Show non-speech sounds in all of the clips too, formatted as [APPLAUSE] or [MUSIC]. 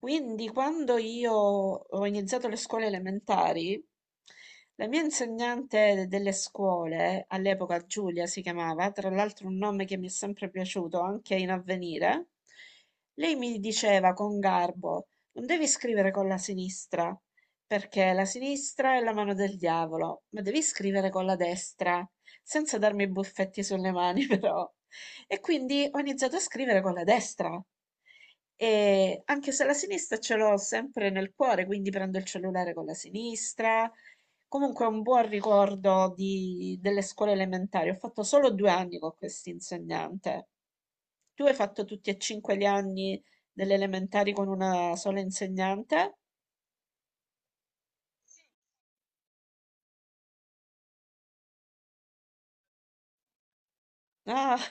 Quindi quando io ho iniziato le scuole elementari, la mia insegnante delle scuole, all'epoca Giulia si chiamava, tra l'altro un nome che mi è sempre piaciuto anche in avvenire, lei mi diceva con garbo, non devi scrivere con la sinistra, perché la sinistra è la mano del diavolo, ma devi scrivere con la destra, senza darmi buffetti sulle mani [LAUGHS] però. E quindi ho iniziato a scrivere con la destra. E anche se la sinistra ce l'ho sempre nel cuore, quindi prendo il cellulare con la sinistra. Comunque è un buon ricordo delle scuole elementari. Ho fatto solo 2 anni con questa insegnante. Tu hai fatto tutti e cinque gli anni delle elementari con una sola insegnante? Ah,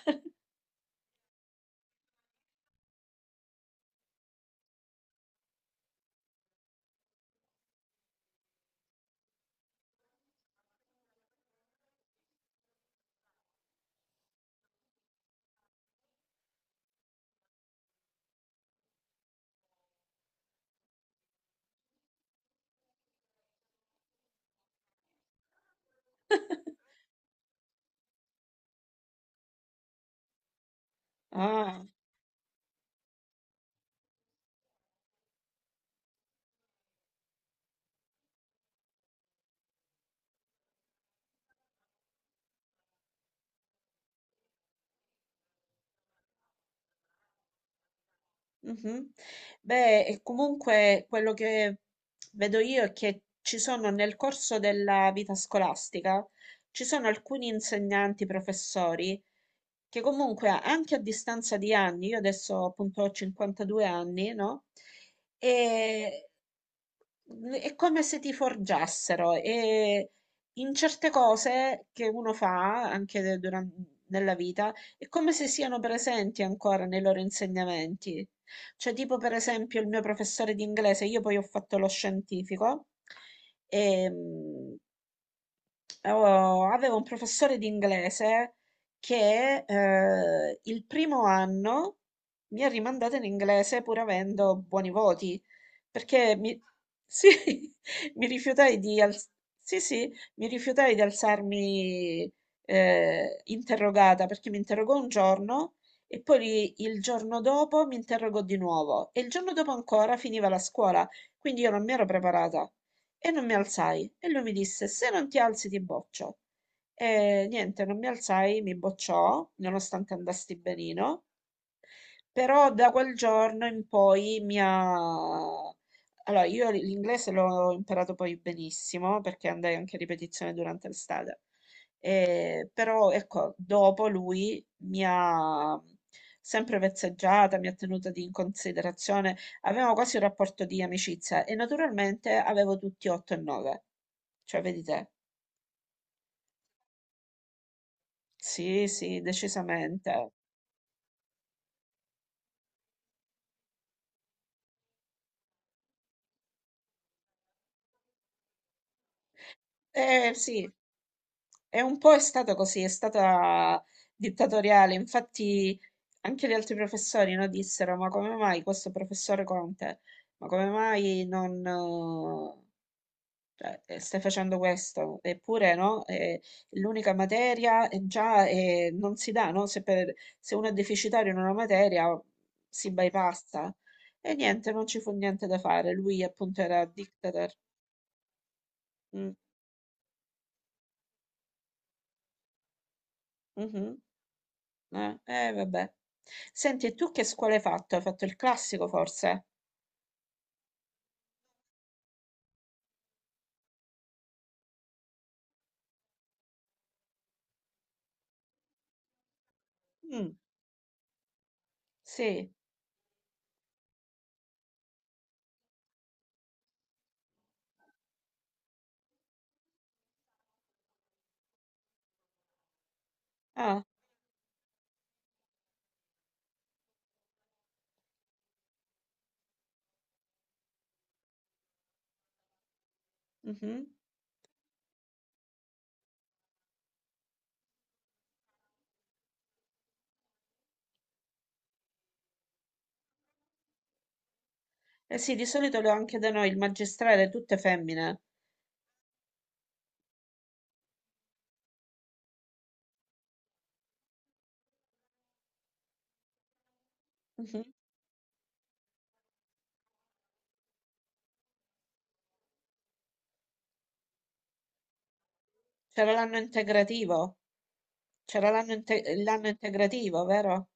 [LAUGHS] ah. Mhm. Beh, e comunque quello che vedo io è che ci sono nel corso della vita scolastica, ci sono alcuni insegnanti, professori, che comunque anche a distanza di anni, io adesso appunto ho 52 anni, no? E è come se ti forgiassero e in certe cose che uno fa anche nella vita è come se siano presenti ancora nei loro insegnamenti. Cioè, tipo per esempio il mio professore di inglese, io poi ho fatto lo scientifico, e, oh, avevo un professore di inglese che il primo anno mi ha rimandato in inglese pur avendo buoni voti, perché sì, [LAUGHS] mi rifiutai di, sì, sì, mi rifiutai di alzarmi interrogata, perché mi interrogò un giorno e poi il giorno dopo mi interrogò di nuovo e il giorno dopo ancora finiva la scuola, quindi io non mi ero preparata. E non mi alzai. E lui mi disse: se non ti alzi, ti boccio. E niente, non mi alzai, mi bocciò, nonostante andasti benino. Però da quel giorno in poi mi ha... Allora, io l'inglese l'ho imparato poi benissimo perché andai anche a ripetizione durante l'estate. Però ecco, dopo lui mi ha sempre vezzeggiata, mi ha tenuta in considerazione. Avevamo quasi un rapporto di amicizia e naturalmente avevo tutti 8 e 9. Cioè, vedi te? Sì, sì, decisamente. Eh sì, è un po' è stata così, è stata dittatoriale. Infatti anche gli altri professori no, dissero, ma come mai questo professore Conte, ma come mai non cioè, stai facendo questo? Eppure no, è l'unica materia è già non si dà, no? Se, se uno è deficitario in una materia si bypassa. E niente, non ci fu niente da fare. Lui appunto era dictator. Mm, mhm. Vabbè. Senti, e tu che scuola hai fatto? Hai fatto il classico forse? Mm, sì. Ah, mhm. Eh sì, di solito lo anche da noi, il magistrale, tutte femmine. Mhm. C'era l'anno integrativo. C'era l'anno integrativo, vero?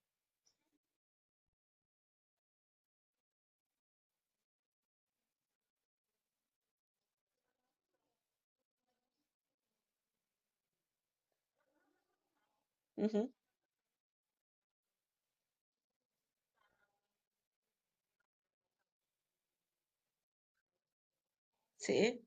Mhm, sì.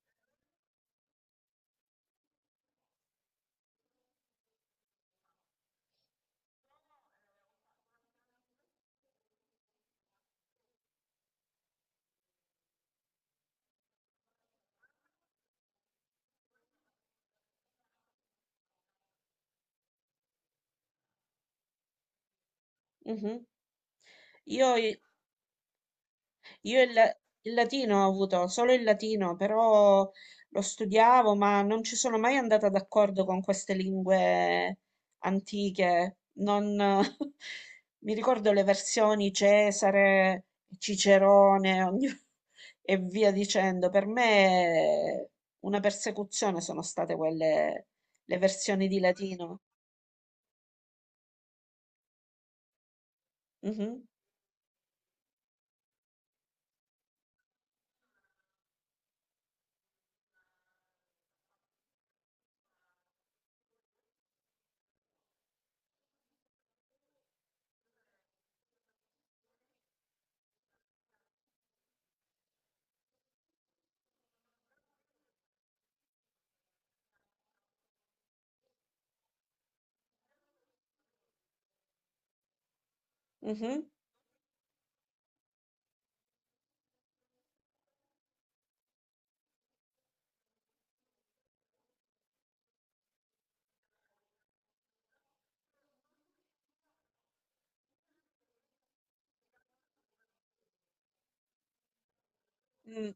Mhm. Io Io il, latino ho avuto solo il latino, però lo studiavo, ma non ci sono mai andata d'accordo con queste lingue antiche. Non... [LAUGHS] Mi ricordo le versioni Cesare, Cicerone [LAUGHS] e via dicendo. Per me una persecuzione sono state quelle, le versioni di latino. Mhm, mhm, mm.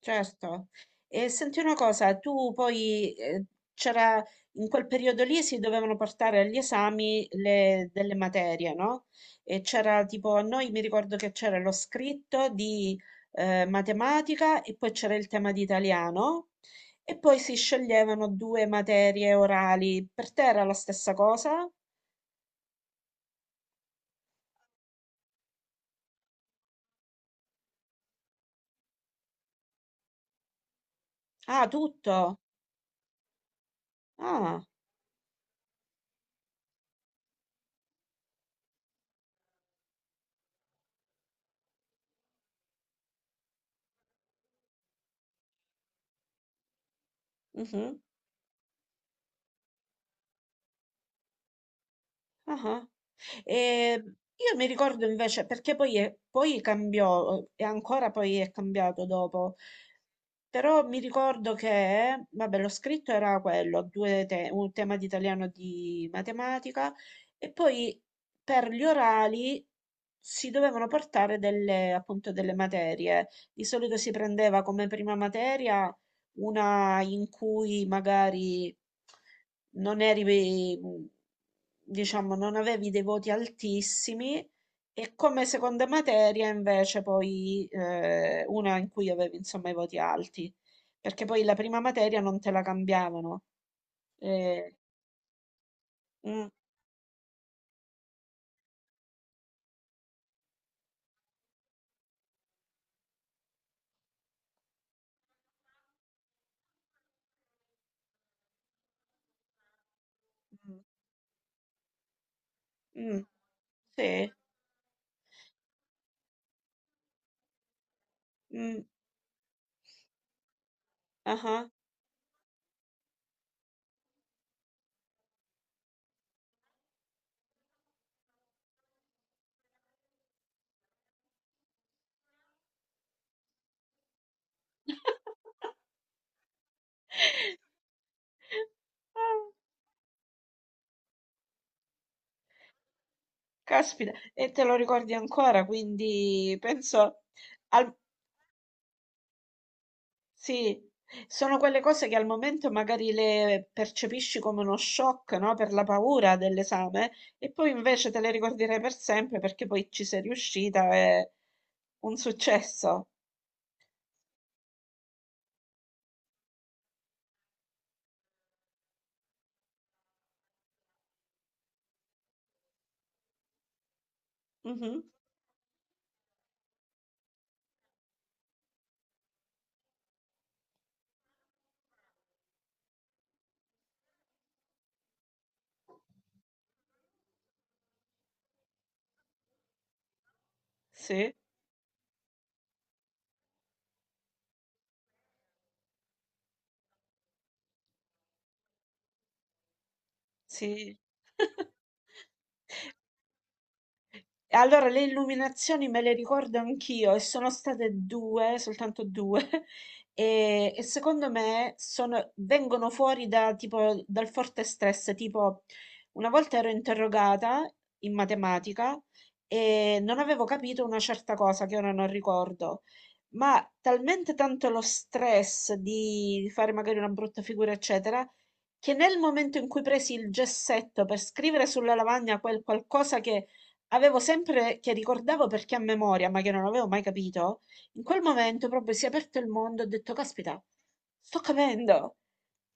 Certo. E senti una cosa, tu poi c'era in quel periodo lì si dovevano portare agli esami delle materie, no? E c'era tipo a noi mi ricordo che c'era lo scritto di matematica e poi c'era il tema di italiano e poi si sceglievano due materie orali. Per te era la stessa cosa? Ah, tutto. Ah, mhm. Ah-ah. Io mi ricordo invece perché poi poi cambiò, e ancora poi è cambiato dopo. Però mi ricordo che, vabbè, lo scritto era quello, un tema di italiano e di matematica, e poi per gli orali si dovevano portare delle, appunto, delle materie. Di solito si prendeva come prima materia una in cui magari non eri, diciamo, non avevi dei voti altissimi e come seconda materia invece poi una in cui avevi insomma i voti alti, perché poi la prima materia non te la cambiavano. Eh, mm, mm, mm, sì, mm, ah. [LAUGHS] Ah, caspita, e te lo ricordi ancora, quindi penso al, sì, sono quelle cose che al momento magari le percepisci come uno shock, no? Per la paura dell'esame e poi invece te le ricorderai per sempre perché poi ci sei riuscita, è un successo. Mhm, sì, sì. [LAUGHS] E allora, le illuminazioni me le ricordo anch'io e sono state due, soltanto due, [LAUGHS] e secondo me vengono fuori da, tipo, dal forte stress. Tipo, una volta ero interrogata in matematica e non avevo capito una certa cosa che ora non ricordo, ma talmente tanto lo stress di fare magari una brutta figura, eccetera, che nel momento in cui presi il gessetto per scrivere sulla lavagna quel qualcosa che avevo sempre che ricordavo perché a memoria, ma che non avevo mai capito, in quel momento proprio si è aperto il mondo, e ho detto, caspita, sto capendo.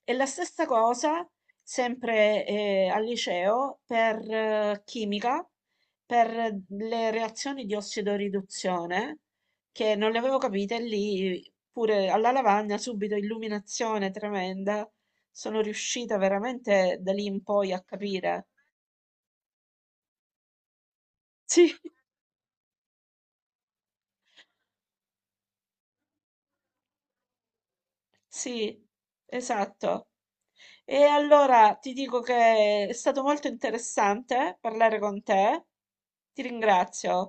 E la stessa cosa, sempre al liceo, per chimica, per le reazioni di ossidoriduzione, che non le avevo capite lì, pure alla lavagna, subito illuminazione tremenda. Sono riuscita veramente da lì in poi a capire. Sì, sì, esatto. E allora ti dico che è stato molto interessante parlare con te. Ti ringrazio.